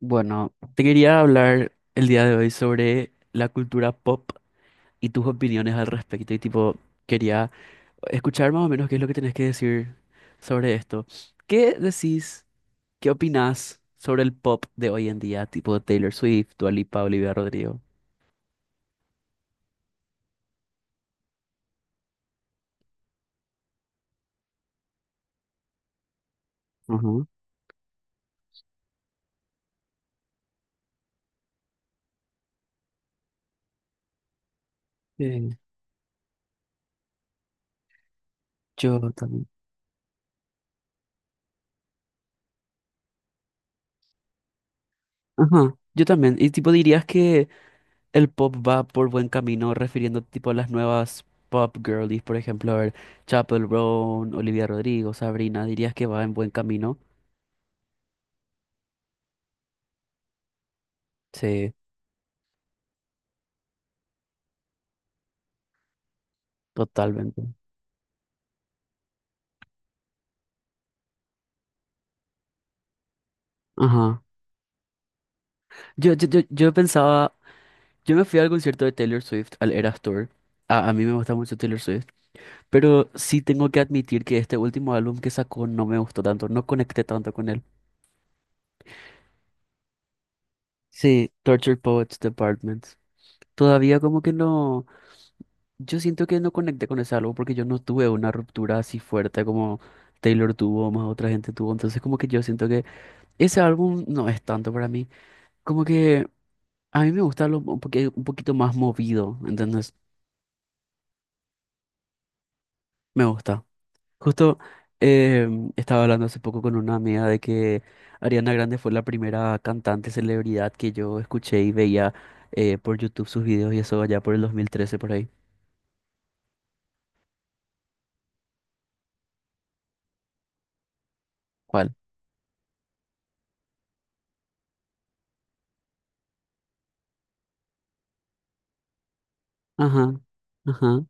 Bueno, te quería hablar el día de hoy sobre la cultura pop y tus opiniones al respecto. Y tipo, quería escuchar más o menos qué es lo que tenés que decir sobre esto. ¿Qué decís, qué opinás sobre el pop de hoy en día? Tipo Taylor Swift, Dua Lipa, Olivia Rodrigo. Ajá. Sí, yo también. Ajá, yo también. Y tipo, dirías que el pop va por buen camino, refiriendo tipo a las nuevas pop girlies, por ejemplo, a ver, Chappell Roan, Olivia Rodrigo, Sabrina, dirías que va en buen camino. Sí, totalmente. Ajá. Yo pensaba, yo me fui al concierto de Taylor Swift, al Eras Tour. A mí me gusta mucho Taylor Swift, pero sí tengo que admitir que este último álbum que sacó no me gustó tanto, no conecté tanto con él. Sí, Torture Poets Department. Todavía como que no. Yo siento que no conecté con ese álbum porque yo no tuve una ruptura así fuerte como Taylor tuvo, o más otra gente tuvo. Entonces como que yo siento que ese álbum no es tanto para mí. Como que a mí me gusta lo, un poquito más movido, ¿entendés? Me gusta. Justo eh, estaba hablando hace poco con una amiga de que Ariana Grande fue la primera cantante celebridad que yo escuché y veía por YouTube sus videos y eso allá por el 2013 por ahí. ¿Cuál? Ajá. Ajá.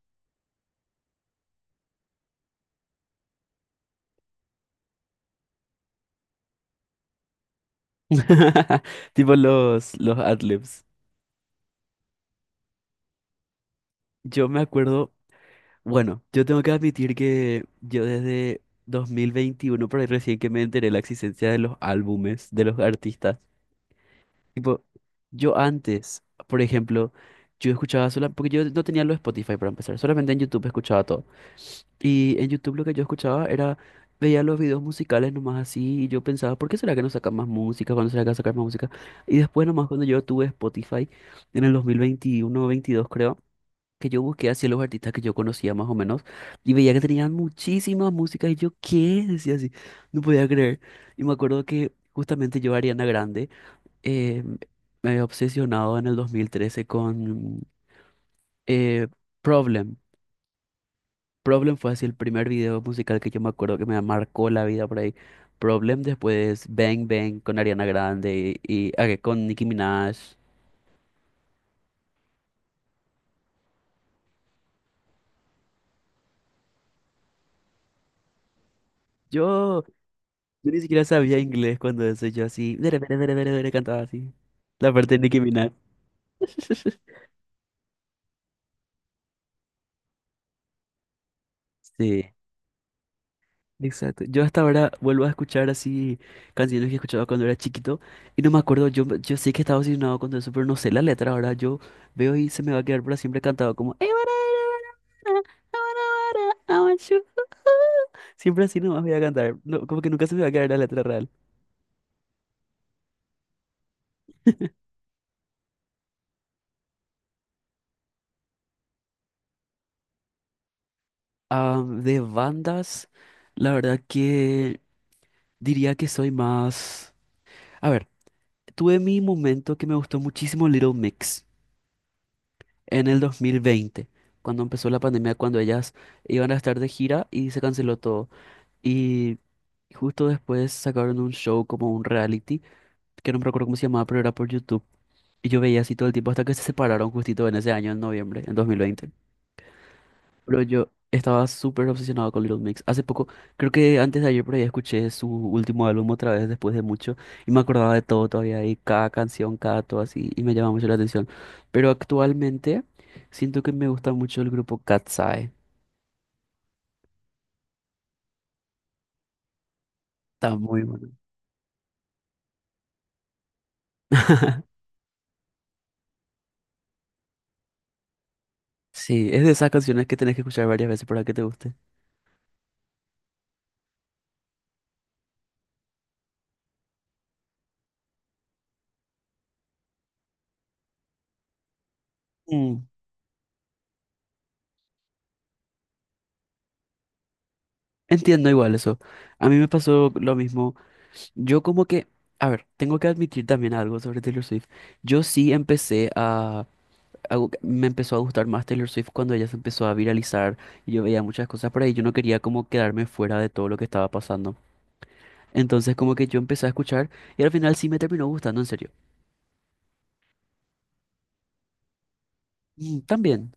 Tipo los adlibs. Yo me acuerdo, bueno, yo tengo que admitir que yo desde 2021, por ahí recién que me enteré de la existencia de los álbumes de los artistas. Tipo, yo antes, por ejemplo, yo escuchaba solo, porque yo no tenía los Spotify para empezar, solamente en YouTube escuchaba todo. Y en YouTube lo que yo escuchaba era, veía los videos musicales nomás así y yo pensaba, ¿por qué será que no sacan más música? ¿Cuándo será que va a sacar más música? Y después nomás cuando yo tuve Spotify en el 2021-2022 creo, que yo busqué así los artistas que yo conocía más o menos y veía que tenían muchísimas músicas y yo, ¿qué? Decía así, no podía creer. Y me acuerdo que justamente yo, Ariana Grande, eh, me había obsesionado en el 2013 con eh, Problem. Problem fue así el primer video musical que yo me acuerdo que me marcó la vida por ahí. Problem después Bang Bang con Ariana Grande y, ah, que con Nicki Minaj. Yo, yo ni siquiera sabía inglés cuando eso, yo así, dere, dere, dere, dere, dere, cantaba así. La parte de Nicki Minaj. Sí. Exacto. Yo hasta ahora vuelvo a escuchar así canciones que escuchaba cuando era chiquito y no me acuerdo, yo sé que estaba obsesionado con todo eso, pero no sé la letra. Ahora yo veo y se me va a quedar para siempre cantado como siempre así nomás voy a cantar. No, como que nunca se me va a quedar la letra real. Ah, de bandas, la verdad que diría que soy más. A ver, tuve mi momento que me gustó muchísimo Little Mix, en el 2020 cuando empezó la pandemia, cuando ellas iban a estar de gira y se canceló todo. Y justo después sacaron un show como un reality, que no me recuerdo cómo se llamaba, pero era por YouTube. Y yo veía así todo el tiempo hasta que se separaron justito en ese año, en noviembre, en 2020, pero yo estaba súper obsesionado con Little Mix. Hace poco, creo que antes de ayer por ahí escuché su último álbum otra vez después de mucho y me acordaba de todo todavía y cada canción, cada todo así y me llama mucho la atención. Pero actualmente siento que me gusta mucho el grupo Cat's Eye. Está muy bueno. Sí, es de esas canciones que tenés que escuchar varias veces para que te guste. Mm, entiendo igual eso. A mí me pasó lo mismo. Yo como que, a ver, tengo que admitir también algo sobre Taylor Swift. Yo sí empecé a algo que me empezó a gustar más Taylor Swift cuando ella se empezó a viralizar y yo veía muchas cosas por ahí. Yo no quería como quedarme fuera de todo lo que estaba pasando. Entonces como que yo empecé a escuchar y al final sí me terminó gustando, en serio. Mm, también.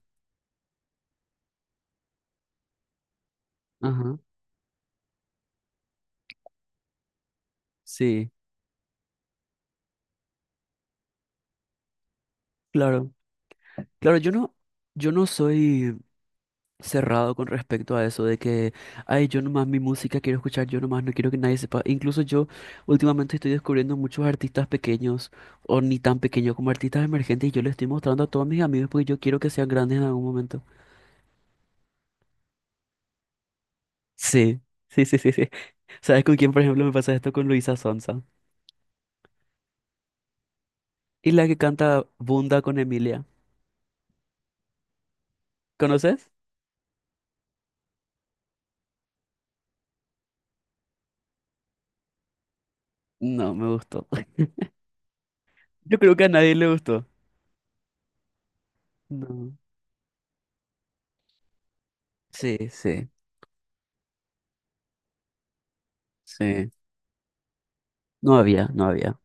Ajá. Sí, claro. Claro, yo no soy cerrado con respecto a eso de que, ay, yo nomás mi música quiero escuchar, yo nomás no quiero que nadie sepa. Incluso yo últimamente estoy descubriendo muchos artistas pequeños o ni tan pequeños como artistas emergentes y yo les estoy mostrando a todos mis amigos porque yo quiero que sean grandes en algún momento. Sí, sí, sí, sí, sí. ¿Sabes con quién, por ejemplo, me pasa esto con Luisa Sonza? Y la que canta Bunda con Emilia. ¿Conoces? No, me gustó. Yo creo que a nadie le gustó. No. Sí, sí, sí. No había, no había.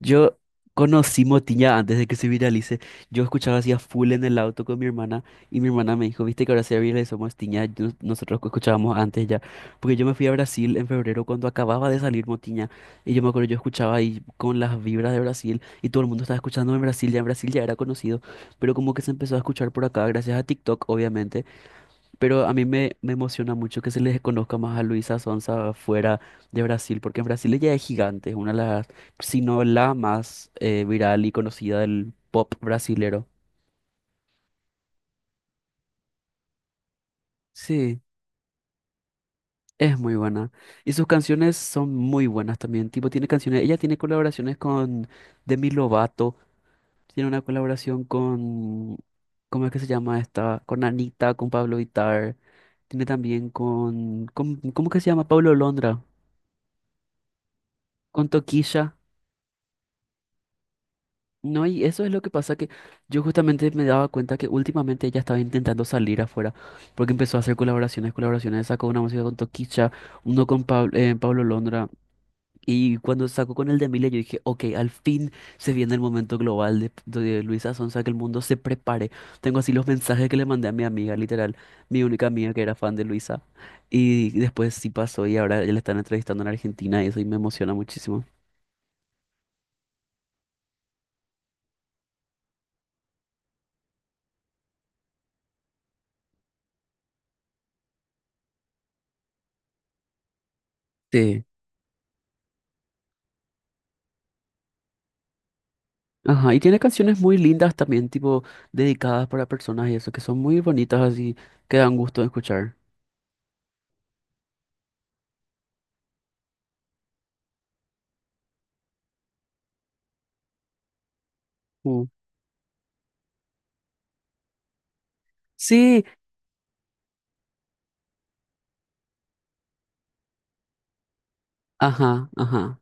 Yo conocí Motiña antes de que se viralice. Yo escuchaba así a full en el auto con mi hermana y mi hermana me dijo, viste que ahora se viralizó Motiña, nosotros que escuchábamos antes ya. Porque yo me fui a Brasil en febrero cuando acababa de salir Motiña y yo me acuerdo, yo escuchaba ahí con las vibras de Brasil y todo el mundo estaba escuchando en Brasil ya era conocido, pero como que se empezó a escuchar por acá gracias a TikTok, obviamente. Pero a mí me emociona mucho que se les conozca más a Luisa Sonza fuera de Brasil, porque en Brasil ella es gigante, es una de las, si no la más viral y conocida del pop brasilero. Sí, es muy buena. Y sus canciones son muy buenas también. Tipo, tiene canciones, ella tiene colaboraciones con Demi Lovato, tiene una colaboración con, ¿cómo es que se llama esta? Con Anita, con Pablo Vittar, tiene también con, ¿cómo que se llama? Pablo Londra, con Toquilla. No, y eso es lo que pasa que yo justamente me daba cuenta que últimamente ella estaba intentando salir afuera, porque empezó a hacer colaboraciones, colaboraciones, sacó una música con Toquicha, uno con Pablo Londra, y cuando sacó con el de Emilia yo dije, ok, al fin se viene el momento global de Luisa Sonza, que el mundo se prepare. Tengo así los mensajes que le mandé a mi amiga, literal, mi única amiga que era fan de Luisa, y después sí pasó y ahora ya la están entrevistando en Argentina y eso y me emociona muchísimo. Ajá, y tiene canciones muy lindas también, tipo dedicadas para personas y eso, que son muy bonitas así, que dan gusto de escuchar. Mm. Sí, ajá, ajá,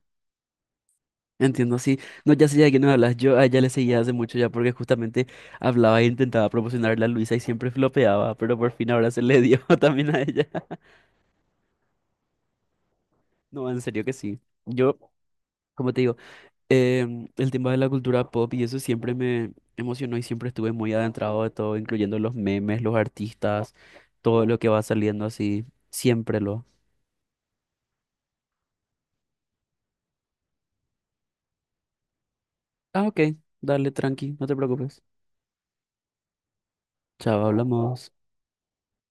entiendo, sí. No, ya sé ya de quién me hablas, yo a ella le seguía hace mucho ya porque justamente hablaba e intentaba promocionarla a Luisa y siempre flopeaba, pero por fin ahora se le dio también a ella. No, en serio que sí. Yo, como te digo, el tema de la cultura pop y eso siempre me emocionó y siempre estuve muy adentrado de todo, incluyendo los memes, los artistas, todo lo que va saliendo así, siempre lo. Ah, ok, dale, tranqui, no te preocupes. Chao, hablamos.